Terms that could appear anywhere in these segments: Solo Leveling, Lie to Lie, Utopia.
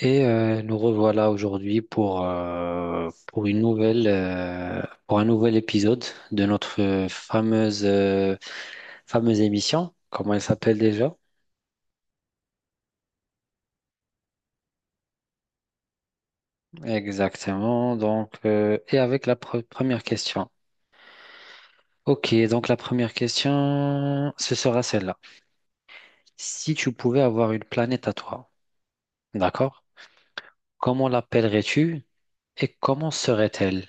Et nous revoilà aujourd'hui pour une nouvelle, pour un nouvel épisode de notre fameuse émission. Comment elle s'appelle déjà? Exactement. Donc, et avec la première question. Ok, donc la première question, ce sera celle-là. Si tu pouvais avoir une planète à toi, d'accord? Comment l'appellerais-tu et comment serait-elle?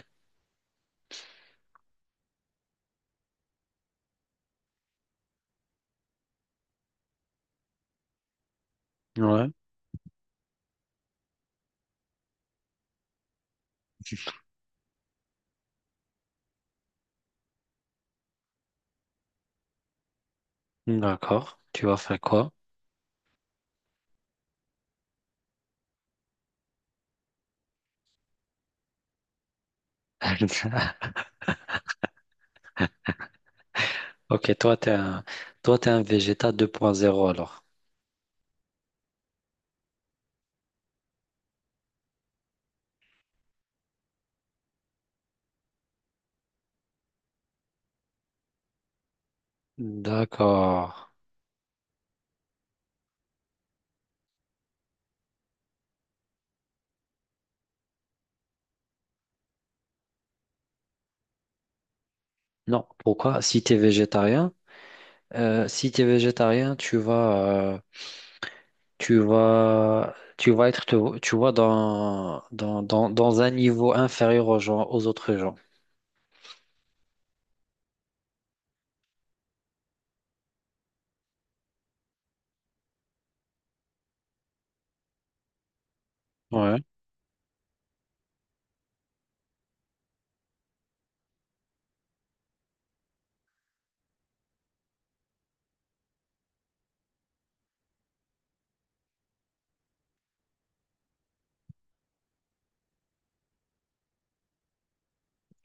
Ouais, d'accord. Tu vas faire quoi? Ok, toi, t'es un végéta 2.0 alors. D'accord. Non, pourquoi? Si t'es végétarien, tu vas être, tu vois, dans un niveau inférieur aux gens, aux autres gens. Ouais.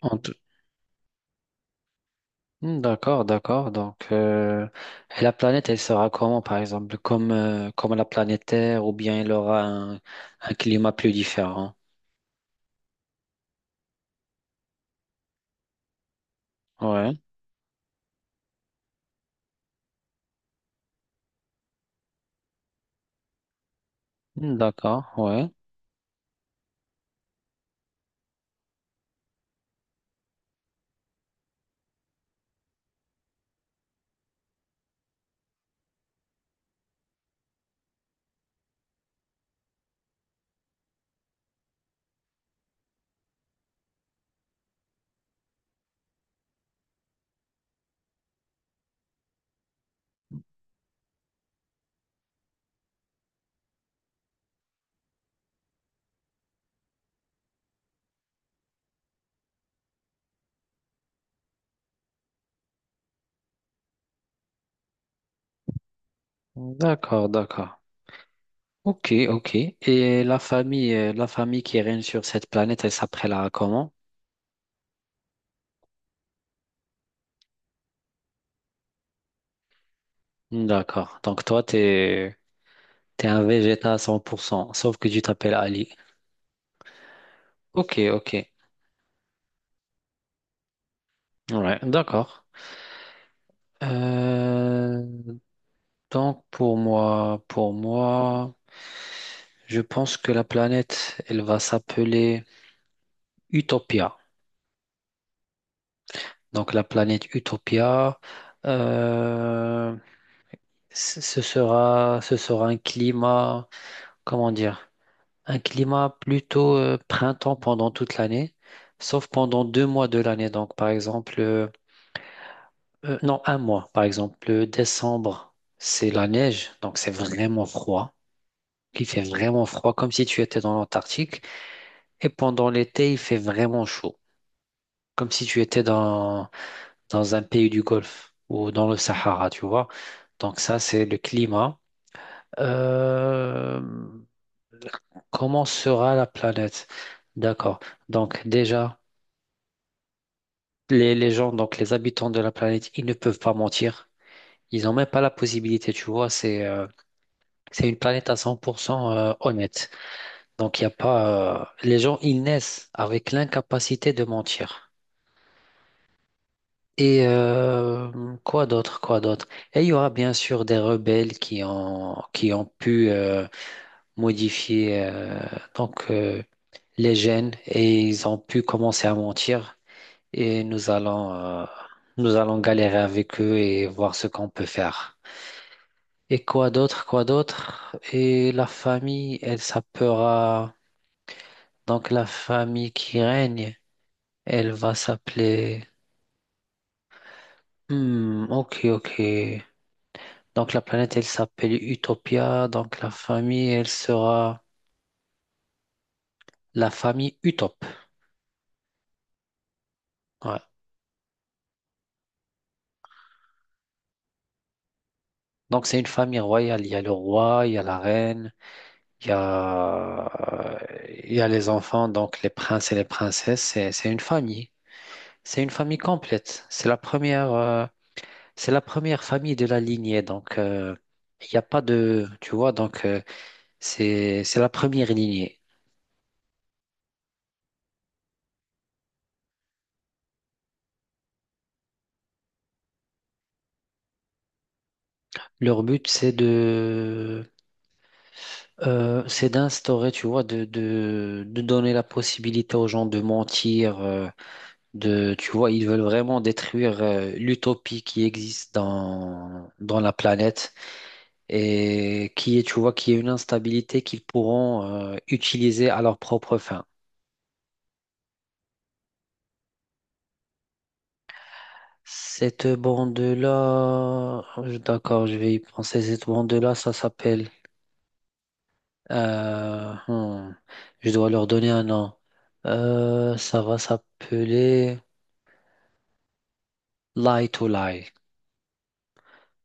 En tout- Hmm, d'accord, d'accord. Donc, et la planète, elle sera comment, par exemple? Comme la planète Terre, ou bien elle aura un, climat plus différent? Ouais. Hmm, d'accord, ouais. D'accord, d'accord. Ok, ok. Et la famille qui règne sur cette planète, elle s'appellera comment? D'accord. Donc toi, t'es un Végéta à 100%, sauf que tu t'appelles Ali. Ok, ok. Ouais, d'accord. Euh, donc pour moi, je pense que la planète, elle va s'appeler Utopia. Donc la planète Utopia, euh, ce sera un climat, comment dire, un climat plutôt printemps pendant toute l'année, sauf pendant 2 mois de l'année. Donc, par exemple, non, un mois. Par exemple, le décembre, c'est la neige, donc c'est vraiment froid. Il fait vraiment froid, comme si tu étais dans l'Antarctique. Et pendant l'été, il fait vraiment chaud, comme si tu étais dans un pays du Golfe ou dans le Sahara, tu vois. Donc ça, c'est le climat. Euh, comment sera la planète? D'accord. Donc déjà, les gens, donc les habitants de la planète, ils ne peuvent pas mentir. Ils n'ont même pas la possibilité, tu vois. C'est une planète à 100% honnête. Donc, il y a pas. Les gens, ils naissent avec l'incapacité de mentir. Et quoi d'autre, quoi d'autre? Et il y aura bien sûr des rebelles qui ont pu modifier donc, les gènes et ils ont pu commencer à mentir. Et nous allons galérer avec eux et voir ce qu'on peut faire. Et quoi d'autre, quoi d'autre? Et la famille, elle s'appellera, donc la famille qui règne, elle va s'appeler, hmm, ok, ok. Donc la planète, elle s'appelle Utopia, donc la famille, elle sera la famille Utop. Ouais. Donc c'est une famille royale, il y a le roi, il y a la reine. Il y a, il y a les enfants, donc les princes et les princesses, c'est une famille. C'est une famille complète. C'est la première famille de la lignée. Donc, il n'y a pas de, tu vois, donc c'est la première lignée. Leur but, c'est d'instaurer, tu vois, de donner la possibilité aux gens de mentir, tu vois, ils veulent vraiment détruire, l'utopie qui existe dans, la planète, et qui est, tu vois, qui est une instabilité qu'ils pourront utiliser à leur propre fin. Cette bande-là, d'accord, je vais y penser. Cette bande-là, ça s'appelle. euh, hmm, je dois leur donner un nom. Ça va s'appeler Lie to Lie.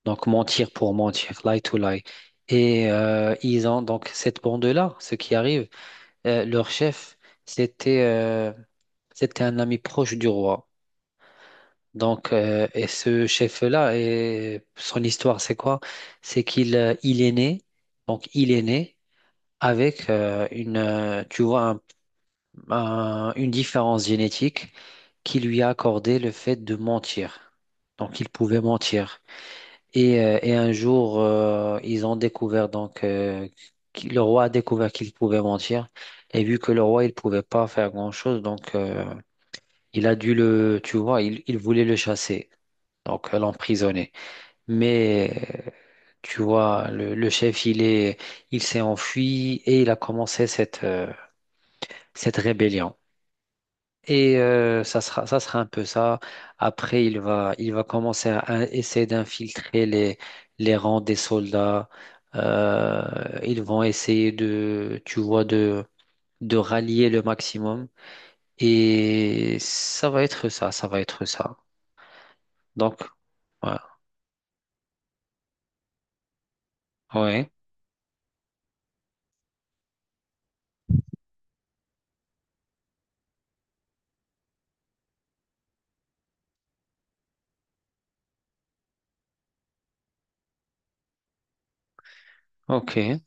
Donc mentir pour mentir, lie to lie. Et ils ont donc cette bande-là, ce qui arrive, leur chef, c'était euh, c'était un ami proche du roi. Donc, et ce chef-là, et son histoire, c'est quoi? C'est qu'il il est né, donc il est né avec une, tu vois, une différence génétique qui lui a accordé le fait de mentir. Donc, il pouvait mentir. Et un jour, ils ont découvert, donc, le roi a découvert qu'il pouvait mentir. Et vu que le roi, il pouvait pas faire grand-chose, donc, il a dû le, tu vois, il voulait le chasser, donc l'emprisonner. Mais euh, tu vois, le chef, il s'est enfui et il a commencé cette rébellion. Et ça sera un peu ça. Après, il va commencer à essayer d'infiltrer les, rangs des soldats. Ils vont essayer de, tu vois, de rallier le maximum. Et ça va être ça, ça va être ça. Donc, voilà. Ouais, ok,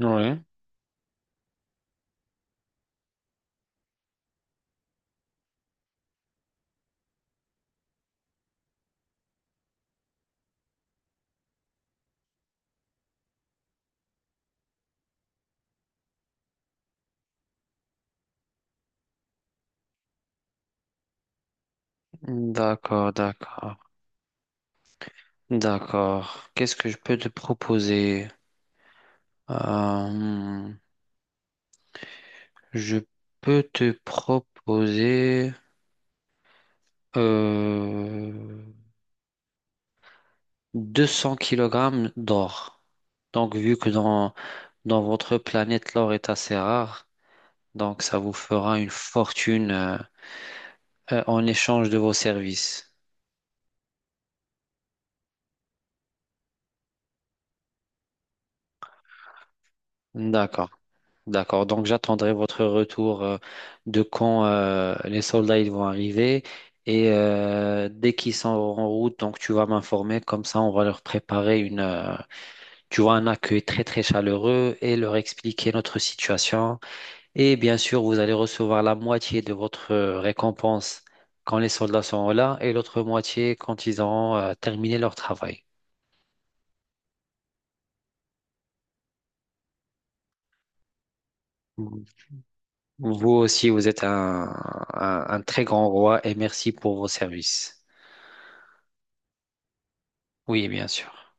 ouais. D'accord, d'accord, d'accord. Qu'est-ce que je peux te proposer? Euh, je peux te proposer euh, 200 kg d'or. Donc, vu que dans votre planète, l'or est assez rare, donc ça vous fera une fortune en échange de vos services. D'accord. D'accord, donc j'attendrai votre retour de quand les soldats ils vont arriver et dès qu'ils sont en route, donc tu vas m'informer, comme ça on va leur préparer tu vois, un accueil très très chaleureux et leur expliquer notre situation. Et bien sûr, vous allez recevoir la moitié de votre récompense quand les soldats sont là et l'autre moitié quand ils auront terminé leur travail. Vous aussi, vous êtes un très grand roi et merci pour vos services. Oui, bien sûr.